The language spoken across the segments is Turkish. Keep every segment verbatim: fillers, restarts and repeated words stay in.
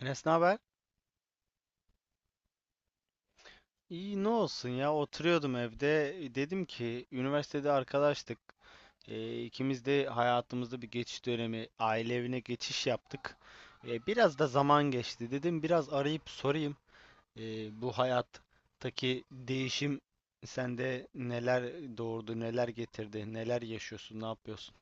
Enes ne haber? İyi ne olsun ya, oturuyordum evde, dedim ki üniversitede arkadaştık. Ee, ikimiz de hayatımızda bir geçiş dönemi, aile evine geçiş yaptık. Ee, biraz da zaman geçti, dedim biraz arayıp sorayım. Ee, bu hayattaki değişim sende neler doğurdu, neler getirdi, neler yaşıyorsun, ne yapıyorsun?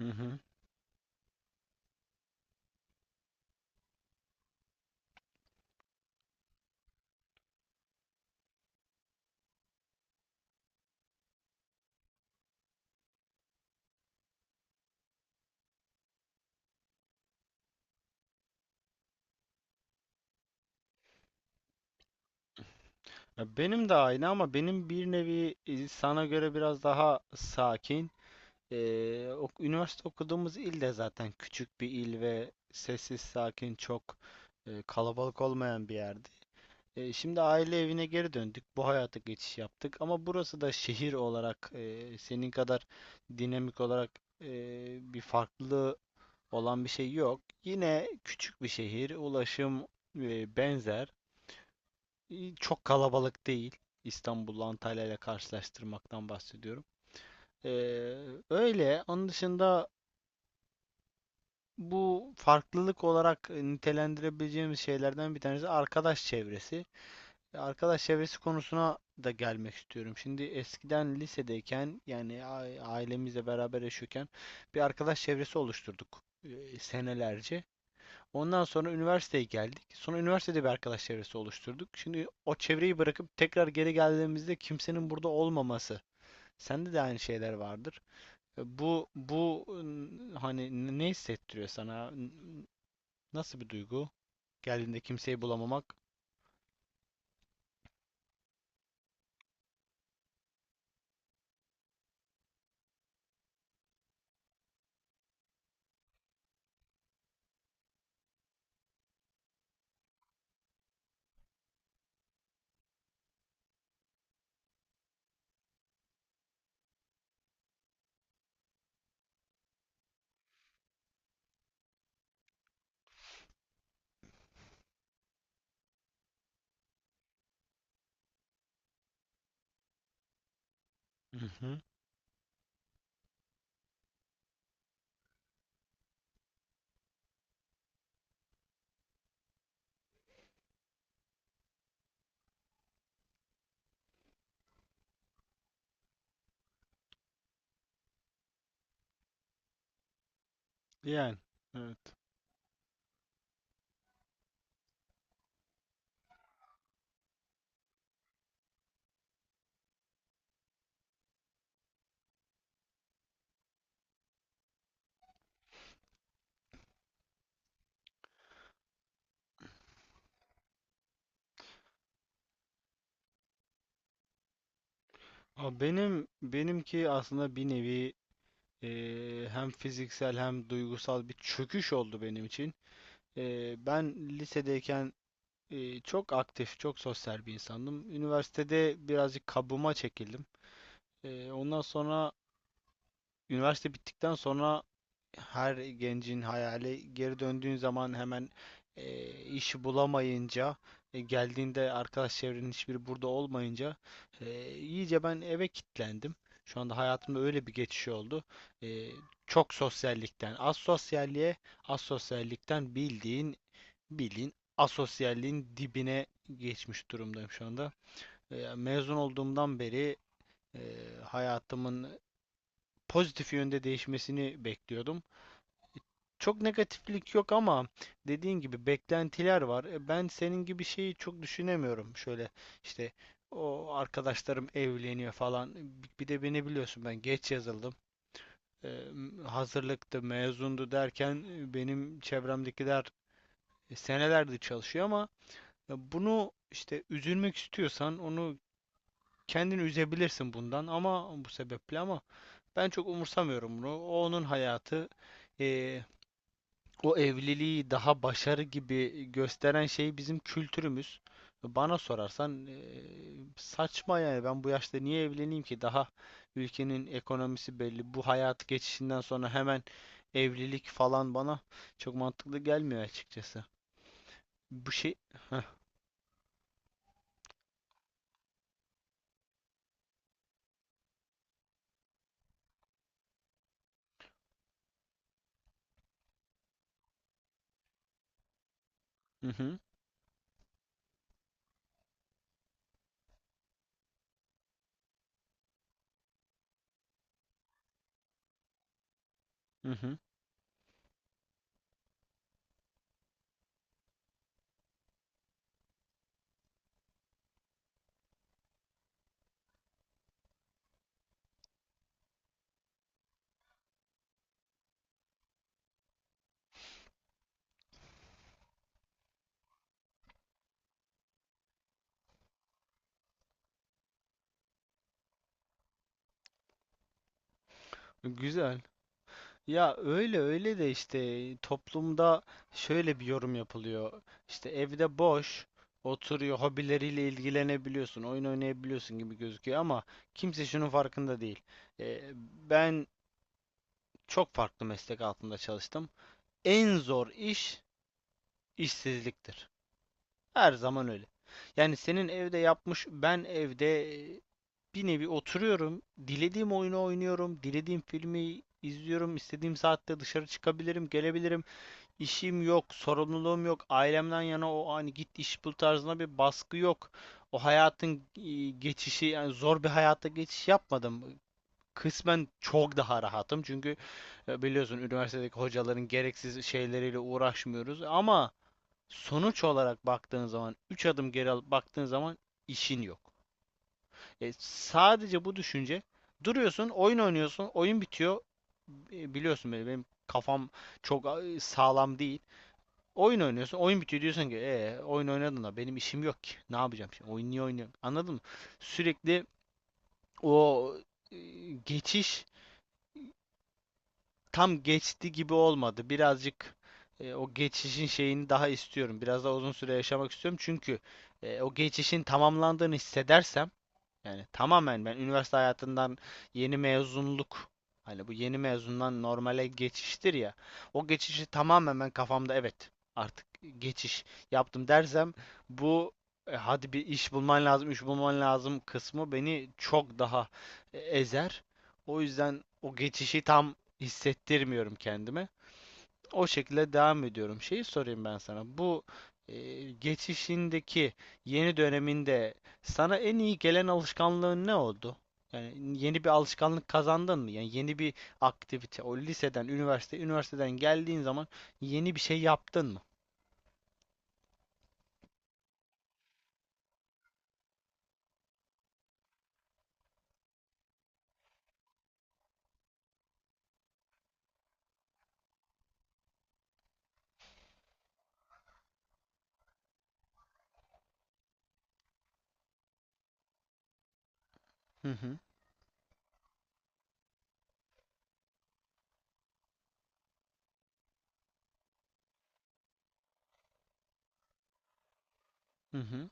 Hı hı. Ya benim de aynı, ama benim bir nevi e, sana göre biraz daha sakin. Ee, ok- üniversite okuduğumuz il de zaten küçük bir il ve sessiz, sakin, çok e, kalabalık olmayan bir yerdi. E, şimdi aile evine geri döndük, bu hayata geçiş yaptık, ama burası da şehir olarak e, senin kadar dinamik olarak e, bir farklı olan bir şey yok. Yine küçük bir şehir, ulaşım e, benzer, E, çok kalabalık değil. İstanbul'la Antalya ile karşılaştırmaktan bahsediyorum. Ee, Öyle. Onun dışında bu farklılık olarak e, nitelendirebileceğimiz şeylerden bir tanesi arkadaş çevresi. E, Arkadaş çevresi konusuna da gelmek istiyorum. Şimdi eskiden lisedeyken, yani ailemizle beraber yaşıyorken bir arkadaş çevresi oluşturduk e, senelerce. Ondan sonra üniversiteye geldik. Sonra üniversitede bir arkadaş çevresi oluşturduk. Şimdi o çevreyi bırakıp tekrar geri geldiğimizde kimsenin burada olmaması. Sende de aynı şeyler vardır. E, Bu bu hani ne hissettiriyor sana? Nasıl bir duygu? Geldiğinde kimseyi bulamamak. Hı hı. Yani evet. Ama benim benimki aslında bir nevi eee, hem fiziksel hem duygusal bir çöküş oldu benim için. Eee, ben lisedeyken eee, çok aktif, çok sosyal bir insandım. Üniversitede birazcık kabuğuma çekildim. Eee, ondan sonra üniversite bittikten sonra her gencin hayali, geri döndüğün zaman hemen e, iş bulamayınca, e, geldiğinde arkadaş çevrenin hiçbiri burada olmayınca e, iyice ben eve kilitlendim. Şu anda hayatımda öyle bir geçiş oldu. E, Çok sosyallikten az sosyalliğe, az sosyallikten bildiğin bildiğin asosyalliğin dibine geçmiş durumdayım şu anda. E, mezun olduğumdan beri e, hayatımın pozitif yönde değişmesini bekliyordum. Çok negatiflik yok, ama dediğin gibi beklentiler var. E, Ben senin gibi şeyi çok düşünemiyorum. Şöyle işte o arkadaşlarım evleniyor falan. Bi- Bir de beni biliyorsun, ben geç yazıldım. E, m- hazırlıktı, mezundu derken e, benim çevremdekiler e, senelerdir çalışıyor, ama ya bunu işte üzülmek istiyorsan onu, kendini üzebilirsin bundan, ama bu sebeple, ama ben çok umursamıyorum bunu. O onun hayatı. E, O evliliği daha başarı gibi gösteren şey bizim kültürümüz. Bana sorarsan eee, saçma. Yani ben bu yaşta niye evleneyim ki? Daha ülkenin ekonomisi belli. Bu hayat geçişinden sonra hemen evlilik falan bana çok mantıklı gelmiyor açıkçası. Bu şey. Heh, hı hı, hı hı. Güzel. Ya öyle öyle de işte toplumda şöyle bir yorum yapılıyor. İşte evde boş oturuyor, hobileriyle ilgilenebiliyorsun, oyun oynayabiliyorsun gibi gözüküyor, ama kimse şunun farkında değil. Ee, Ben çok farklı meslek altında çalıştım. En zor iş işsizliktir. Her zaman öyle. Yani senin evde yapmış, ben evde e, bir nevi oturuyorum, dilediğim oyunu oynuyorum, dilediğim filmi izliyorum, istediğim saatte dışarı çıkabilirim, gelebilirim, işim yok, sorumluluğum yok, ailemden yana o hani git iş bul tarzında bir baskı yok. O hayatın e, geçişi, yani zor bir hayata geçiş yapmadım. Kısmen çok daha rahatım, çünkü e, biliyorsun üniversitedeki hocaların gereksiz şeyleriyle uğraşmıyoruz, ama sonuç olarak baktığın zaman, üç adım geri alıp baktığın zaman işin yok. E, sadece bu düşünce. Duruyorsun, oyun oynuyorsun, oyun bitiyor. E, biliyorsun beni, benim kafam çok e, sağlam değil. Oyun oynuyorsun. Oyun bitiyor, diyorsun ki ee, oyun oynadın da benim işim yok ki. Ne yapacağım şimdi? Oyun niye oynuyorum? Anladın mı? Sürekli o e, geçiş tam geçti gibi olmadı. Birazcık e, o geçişin şeyini daha istiyorum. Biraz daha uzun süre yaşamak istiyorum. Çünkü e, o geçişin tamamlandığını hissedersem, yani tamamen ben üniversite hayatından yeni mezunluk, hani bu yeni mezundan normale geçiştir ya. O geçişi tamamen ben kafamda evet artık geçiş yaptım dersem, bu e, hadi bir iş bulman lazım, iş bulman lazım kısmı beni çok daha e, ezer. O yüzden o geçişi tam hissettirmiyorum kendime. O şekilde devam ediyorum. Şeyi sorayım ben sana. Bu e, geçişindeki yeni döneminde sana en iyi gelen alışkanlığın ne oldu? Yani yeni bir alışkanlık kazandın mı? Yani yeni bir aktivite. O liseden, üniversite, üniversiteden geldiğin zaman yeni bir şey yaptın mı? Hı hı. Hı hı.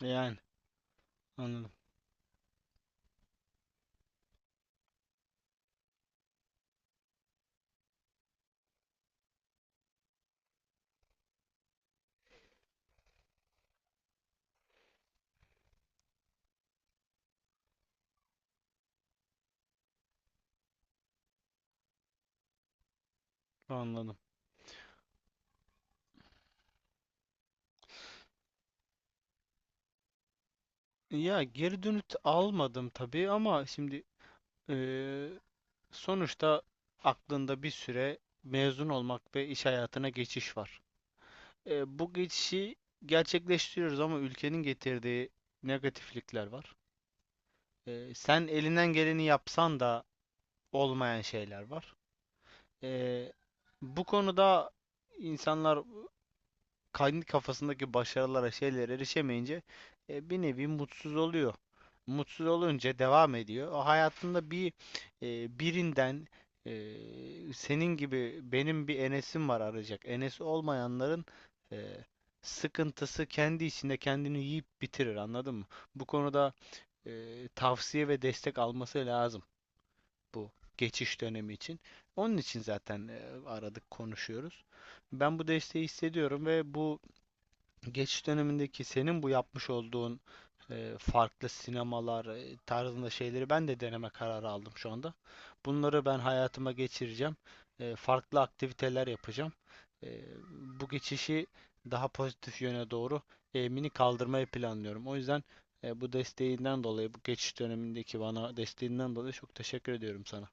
Yani anladım. Anladım. Ya geri dönüt almadım tabii, ama şimdi e, sonuçta aklında bir süre mezun olmak ve iş hayatına geçiş var. E, bu geçişi gerçekleştiriyoruz, ama ülkenin getirdiği negatiflikler var. E, sen elinden geleni yapsan da olmayan şeyler var. E, Bu konuda insanlar kendi kafasındaki başarılara, şeylere erişemeyince e, bir nevi mutsuz oluyor. Mutsuz olunca devam ediyor. O hayatında bir e, birinden, e, senin gibi, benim bir Enes'im var arayacak. Enes olmayanların e, sıkıntısı kendi içinde kendini yiyip bitirir. Anladın mı? Bu konuda e, tavsiye ve destek alması lazım bu geçiş dönemi için. Onun için zaten e, aradık, konuşuyoruz. Ben bu desteği hissediyorum ve bu geçiş dönemindeki senin bu yapmış olduğun e, farklı sinemalar e, tarzında şeyleri ben de deneme kararı aldım şu anda. Bunları ben hayatıma geçireceğim. E, farklı aktiviteler yapacağım. E, Bu geçişi daha pozitif yöne doğru eğimini kaldırmayı planlıyorum. O yüzden e, bu desteğinden dolayı, bu geçiş dönemindeki bana desteğinden dolayı çok teşekkür ediyorum sana.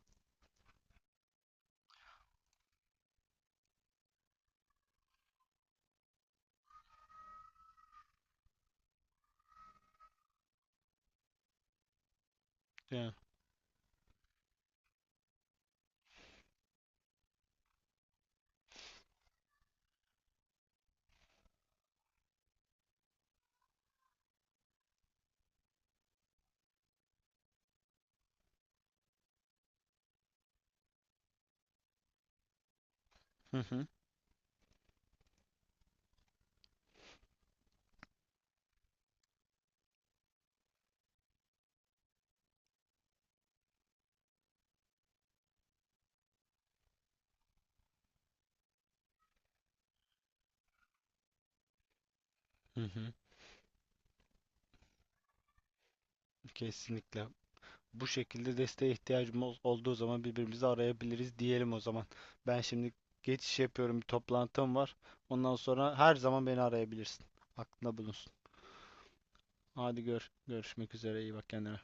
Yani, hı hı, hı hı, kesinlikle. Bu şekilde desteğe ihtiyacımız olduğu zaman birbirimizi arayabiliriz diyelim o zaman. Ben şimdi geçiş yapıyorum, bir toplantım var. Ondan sonra her zaman beni arayabilirsin. Aklında bulunsun. Hadi gör, görüşmek üzere. İyi bak kendine.